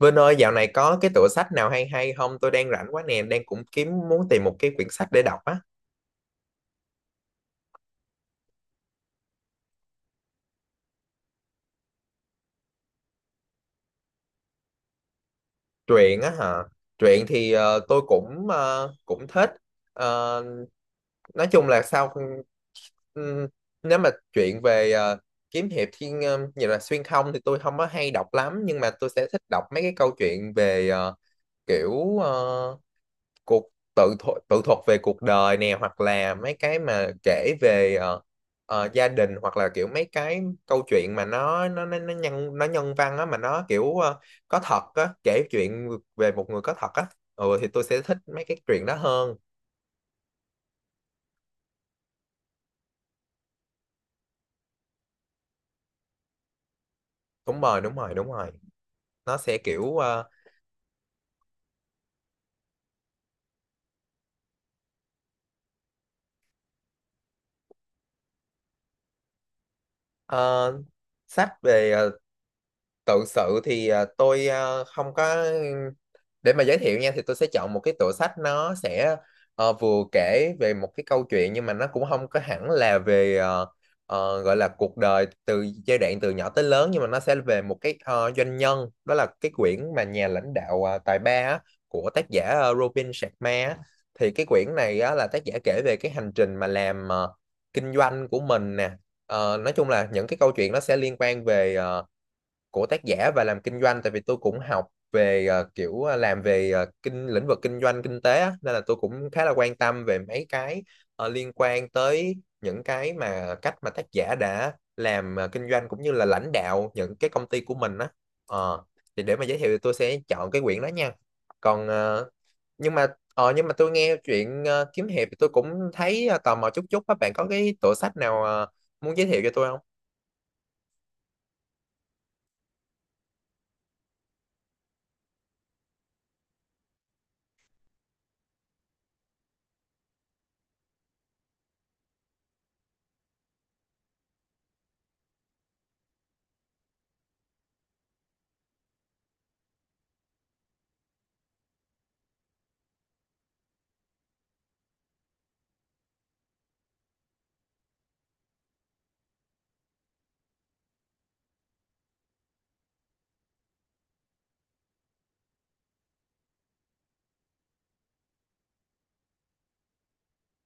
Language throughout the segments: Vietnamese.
Vinh ơi, dạo này có cái tựa sách nào hay hay không? Tôi đang rảnh quá nè, đang cũng kiếm muốn tìm một cái quyển sách để đọc á. Truyện á hả? Truyện thì tôi cũng thích. Ờ, nói chung là sao ừm, nếu mà chuyện về kiếm hiệp thiên như là xuyên không thì tôi không có hay đọc lắm, nhưng mà tôi sẽ thích đọc mấy cái câu chuyện về kiểu cuộc tự thuộc tự thuật về cuộc đời nè, hoặc là mấy cái mà kể về gia đình, hoặc là kiểu mấy cái câu chuyện mà nó nhân văn á, mà nó kiểu có thật á, kể chuyện về một người có thật á. Ừ thì tôi sẽ thích mấy cái chuyện đó hơn. Đúng rồi, đúng rồi, đúng rồi. Nó sẽ kiểu ờ, sách về tự sự thì tôi không có để mà giới thiệu nha, thì tôi sẽ chọn một cái tựa sách, nó sẽ vừa kể về một cái câu chuyện nhưng mà nó cũng không có hẳn là về gọi là cuộc đời từ giai đoạn từ nhỏ tới lớn, nhưng mà nó sẽ về một cái doanh nhân, đó là cái quyển mà nhà lãnh đạo tài ba á, của tác giả Robin Sharma á. Thì cái quyển này á, là tác giả kể về cái hành trình mà làm kinh doanh của mình nè. Ờ, nói chung là những cái câu chuyện nó sẽ liên quan về của tác giả và làm kinh doanh, tại vì tôi cũng học về kiểu làm về lĩnh vực kinh doanh kinh tế á, nên là tôi cũng khá là quan tâm về mấy cái liên quan tới những cái mà cách mà tác giả đã làm kinh doanh cũng như là lãnh đạo những cái công ty của mình á. Ờ, thì để mà giới thiệu thì tôi sẽ chọn cái quyển đó nha. Còn nhưng mà nhưng mà tôi nghe chuyện kiếm hiệp thì tôi cũng thấy tò mò chút chút á, bạn có cái tựa sách nào muốn giới thiệu cho tôi không?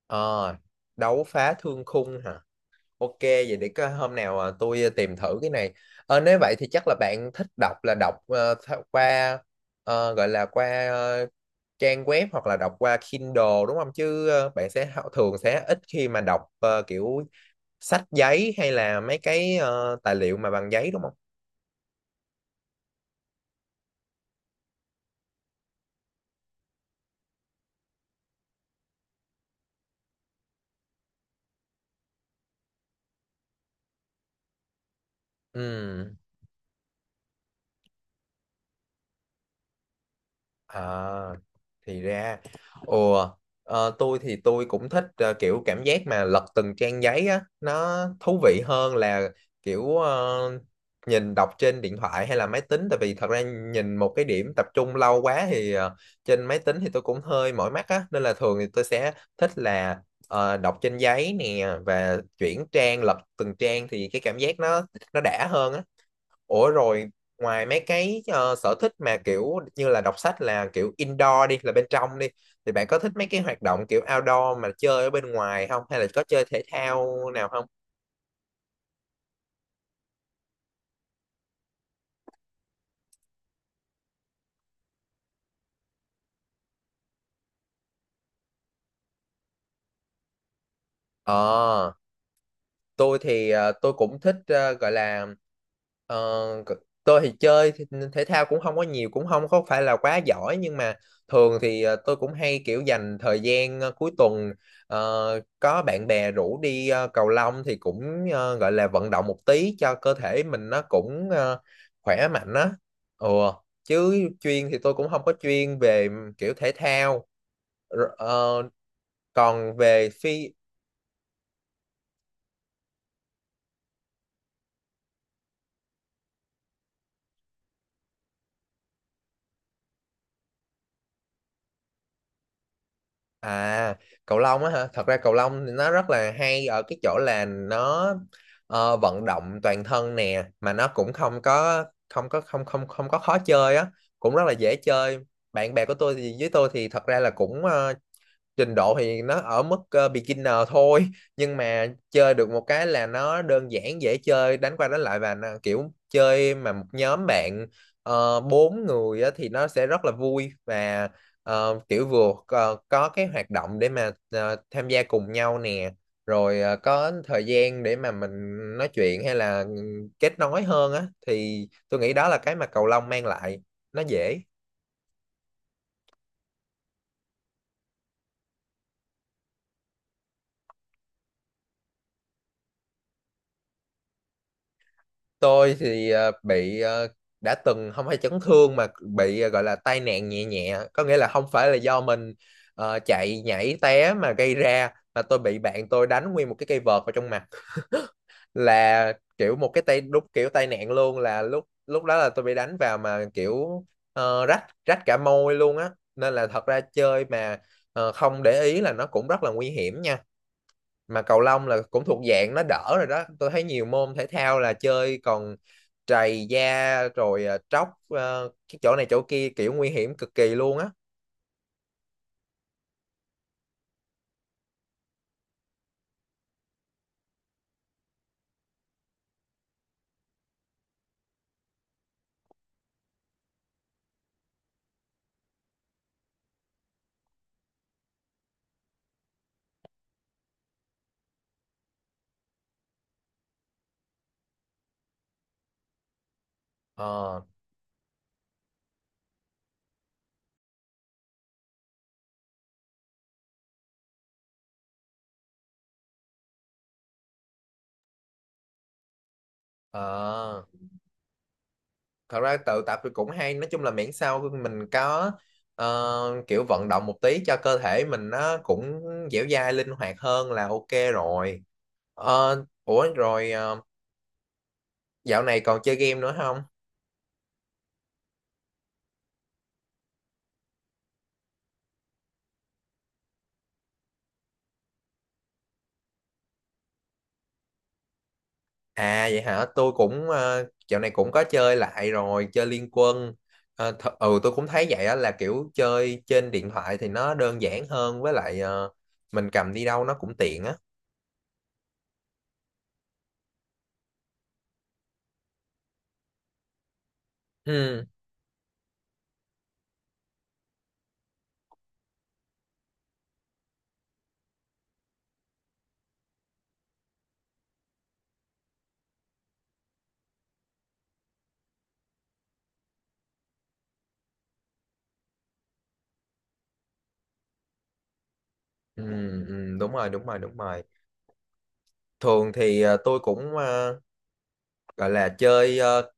Ờ, đấu phá thương khung hả? Ok, vậy để có hôm nào tôi tìm thử cái này. Ờ, nếu vậy thì chắc là bạn thích đọc, là đọc qua gọi là qua trang web hoặc là đọc qua Kindle đúng không? Chứ bạn sẽ thường sẽ ít khi mà đọc kiểu sách giấy hay là mấy cái tài liệu mà bằng giấy đúng không? Ừ. À, thì ra. Ồ, tôi thì tôi cũng thích kiểu cảm giác mà lật từng trang giấy á, nó thú vị hơn là kiểu nhìn đọc trên điện thoại hay là máy tính. Tại vì thật ra nhìn một cái điểm tập trung lâu quá thì trên máy tính thì tôi cũng hơi mỏi mắt á, nên là thường thì tôi sẽ thích là đọc trên giấy nè, và chuyển trang lật từng trang thì cái cảm giác nó đã hơn á. Ủa rồi ngoài mấy cái sở thích mà kiểu như là đọc sách là kiểu indoor đi, là bên trong đi, thì bạn có thích mấy cái hoạt động kiểu outdoor mà chơi ở bên ngoài không, hay là có chơi thể thao nào không? Ờ, tôi thì tôi cũng thích gọi là ờ, c- tôi thì chơi thì- thể thao cũng không có nhiều, cũng không có phải là quá giỏi, nhưng mà thường thì tôi cũng hay kiểu dành thời gian cuối tuần có bạn bè rủ đi cầu lông thì cũng gọi là vận động một tí cho cơ thể mình, nó cũng khỏe mạnh á. Ừ. Chứ chuyên thì tôi cũng không có chuyên về kiểu thể thao. Rồi, còn về phi— À, cầu lông á hả? Thật ra cầu lông thì nó rất là hay ở cái chỗ là nó vận động toàn thân nè, mà nó cũng không có khó chơi á, cũng rất là dễ chơi. Bạn bè của tôi thì với tôi thì thật ra là cũng trình độ thì nó ở mức beginner thôi, nhưng mà chơi được một cái là nó đơn giản dễ chơi, đánh qua đánh lại, và nó kiểu chơi mà một nhóm bạn bốn người á, thì nó sẽ rất là vui, và kiểu vừa có cái hoạt động để mà tham gia cùng nhau nè, rồi có thời gian để mà mình nói chuyện hay là ừ, kết nối hơn á, thì tôi nghĩ đó là cái mà cầu lông mang lại, nó dễ. Tôi thì bị đã từng không phải chấn thương mà bị gọi là tai nạn nhẹ nhẹ, có nghĩa là không phải là do mình chạy nhảy té mà gây ra, mà tôi bị bạn tôi đánh nguyên một cái cây vợt vào trong mặt là kiểu một cái tay đúng kiểu tai nạn luôn, là lúc lúc đó là tôi bị đánh vào mà kiểu rách rách cả môi luôn á, nên là thật ra chơi mà không để ý là nó cũng rất là nguy hiểm nha. Mà cầu lông là cũng thuộc dạng nó đỡ rồi đó, tôi thấy nhiều môn thể thao là chơi còn trầy da, rồi tróc cái chỗ này chỗ kia, kiểu nguy hiểm cực kỳ luôn á. Ờ. Ờ, thật ra tự tập thì cũng hay, nói chung là miễn sao mình có kiểu vận động một tí cho cơ thể mình, nó cũng dẻo dai linh hoạt hơn là ok rồi. Ờ, ủa rồi dạo này còn chơi game nữa không? À vậy hả? Tôi cũng dạo này cũng có chơi lại rồi, chơi Liên Quân. Ờ, ừ tôi cũng thấy vậy á, là kiểu chơi trên điện thoại thì nó đơn giản hơn, với lại mình cầm đi đâu nó cũng tiện á. Ừ, ừ, ừ, đúng rồi, đúng rồi, đúng rồi. Thường thì tôi cũng gọi là chơi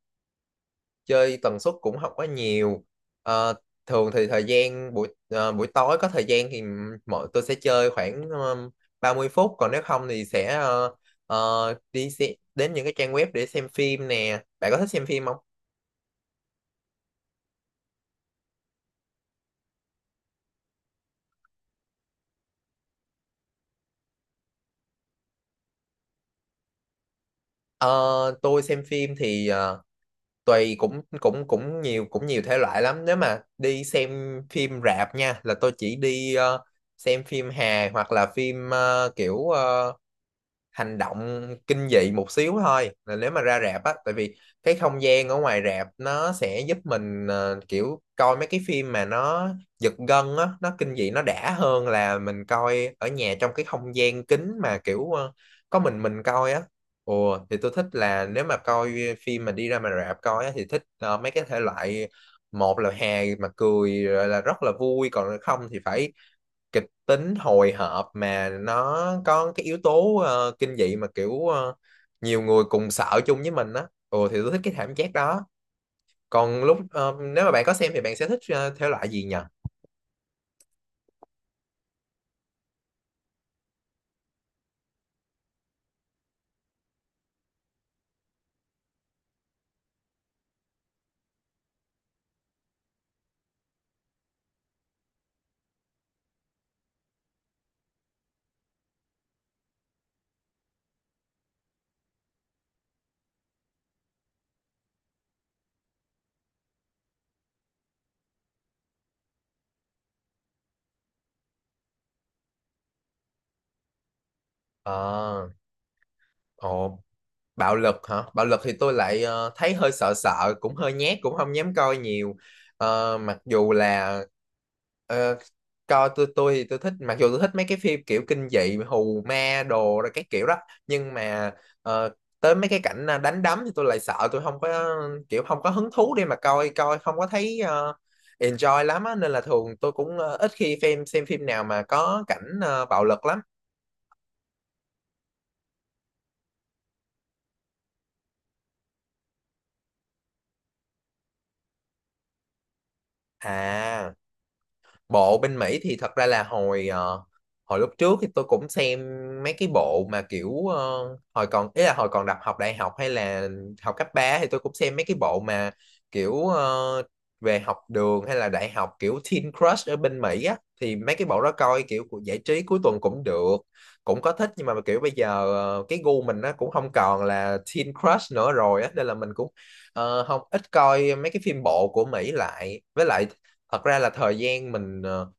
chơi tần suất cũng không có nhiều. Ờ, thường thì thời gian buổi buổi tối có thời gian thì tôi sẽ chơi khoảng 30 phút, còn nếu không thì sẽ ờ, đi xe, đến những cái trang web để xem phim nè. Bạn có thích xem phim không? Ờ, tôi xem phim thì tùy, cũng cũng cũng nhiều thể loại lắm, nếu mà đi xem phim rạp nha là tôi chỉ đi xem phim hài hoặc là phim kiểu hành động, kinh dị một xíu thôi, là nếu mà ra rạp á, tại vì cái không gian ở ngoài rạp nó sẽ giúp mình kiểu coi mấy cái phim mà nó giật gân á, nó kinh dị, nó đã hơn là mình coi ở nhà trong cái không gian kín mà kiểu có mình coi á. Ồ, thì tôi thích là nếu mà coi phim mà đi ra mà rạp coi á, thì thích mấy cái thể loại, một là hài mà cười rồi là rất là vui, còn không thì phải kịch tính hồi hộp mà nó có cái yếu tố kinh dị mà kiểu nhiều người cùng sợ chung với mình á, ừ thì tôi thích cái cảm giác đó. Còn lúc nếu mà bạn có xem thì bạn sẽ thích thể loại gì nhỉ? Ờ. Ồ. Bạo lực hả? Bạo lực thì tôi lại thấy hơi sợ sợ, cũng hơi nhát, cũng không dám coi nhiều. Ờ, mặc dù là ờ, coi tôi thì tôi thích, mặc dù tôi thích mấy cái phim kiểu kinh dị, hù ma đồ rồi cái kiểu đó, nhưng mà ờ, tới mấy cái cảnh đánh đấm thì tôi lại sợ, tôi không có kiểu không có hứng thú để mà coi, coi không có thấy enjoy lắm á, nên là thường tôi cũng ít khi xem phim nào mà có cảnh bạo lực lắm. À. Bộ bên Mỹ thì thật ra là hồi hồi lúc trước thì tôi cũng xem mấy cái bộ mà kiểu hồi còn ý là hồi còn học đại học hay là học cấp 3 thì tôi cũng xem mấy cái bộ mà kiểu về học đường hay là đại học, kiểu Teen Crush ở bên Mỹ á, thì mấy cái bộ đó coi kiểu của giải trí cuối tuần cũng được, cũng có thích, nhưng mà kiểu bây giờ cái gu mình nó cũng không còn là Teen Crush nữa rồi á, nên là mình cũng không ít coi mấy cái phim bộ của Mỹ lại. Với lại thật ra là thời gian mình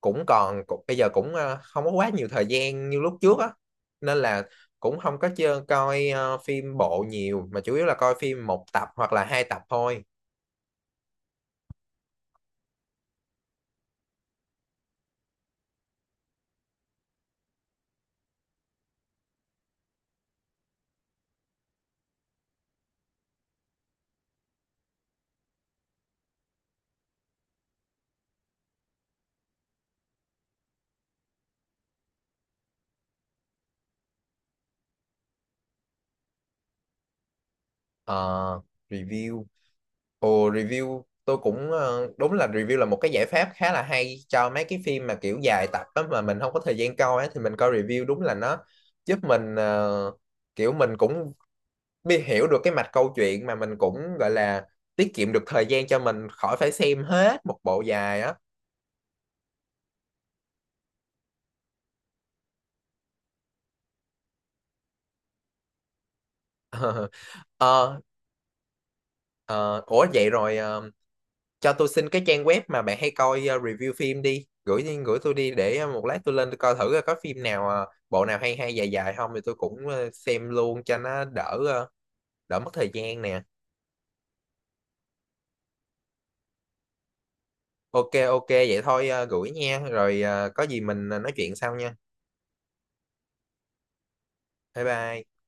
bây giờ cũng không có quá nhiều thời gian như lúc trước á, nên là cũng không có coi phim bộ nhiều, mà chủ yếu là coi phim một tập hoặc là hai tập thôi. Ờ, review. Ồ, review tôi cũng đúng là review là một cái giải pháp khá là hay cho mấy cái phim mà kiểu dài tập á, mà mình không có thời gian coi á, thì mình coi review đúng là nó giúp mình kiểu mình cũng hiểu được cái mạch câu chuyện, mà mình cũng gọi là tiết kiệm được thời gian cho mình khỏi phải xem hết một bộ dài á. Ờ. Ờ, ủa vậy rồi cho tôi xin cái trang web mà bạn hay coi review phim đi, gửi đi, gửi tôi đi, để một lát tôi lên tôi coi thử coi có phim nào bộ nào hay hay dài dài không, thì tôi cũng xem luôn cho nó đỡ đỡ mất thời gian nè. Ok, ok vậy thôi, gửi nha, rồi có gì mình nói chuyện sau nha. Bye bye.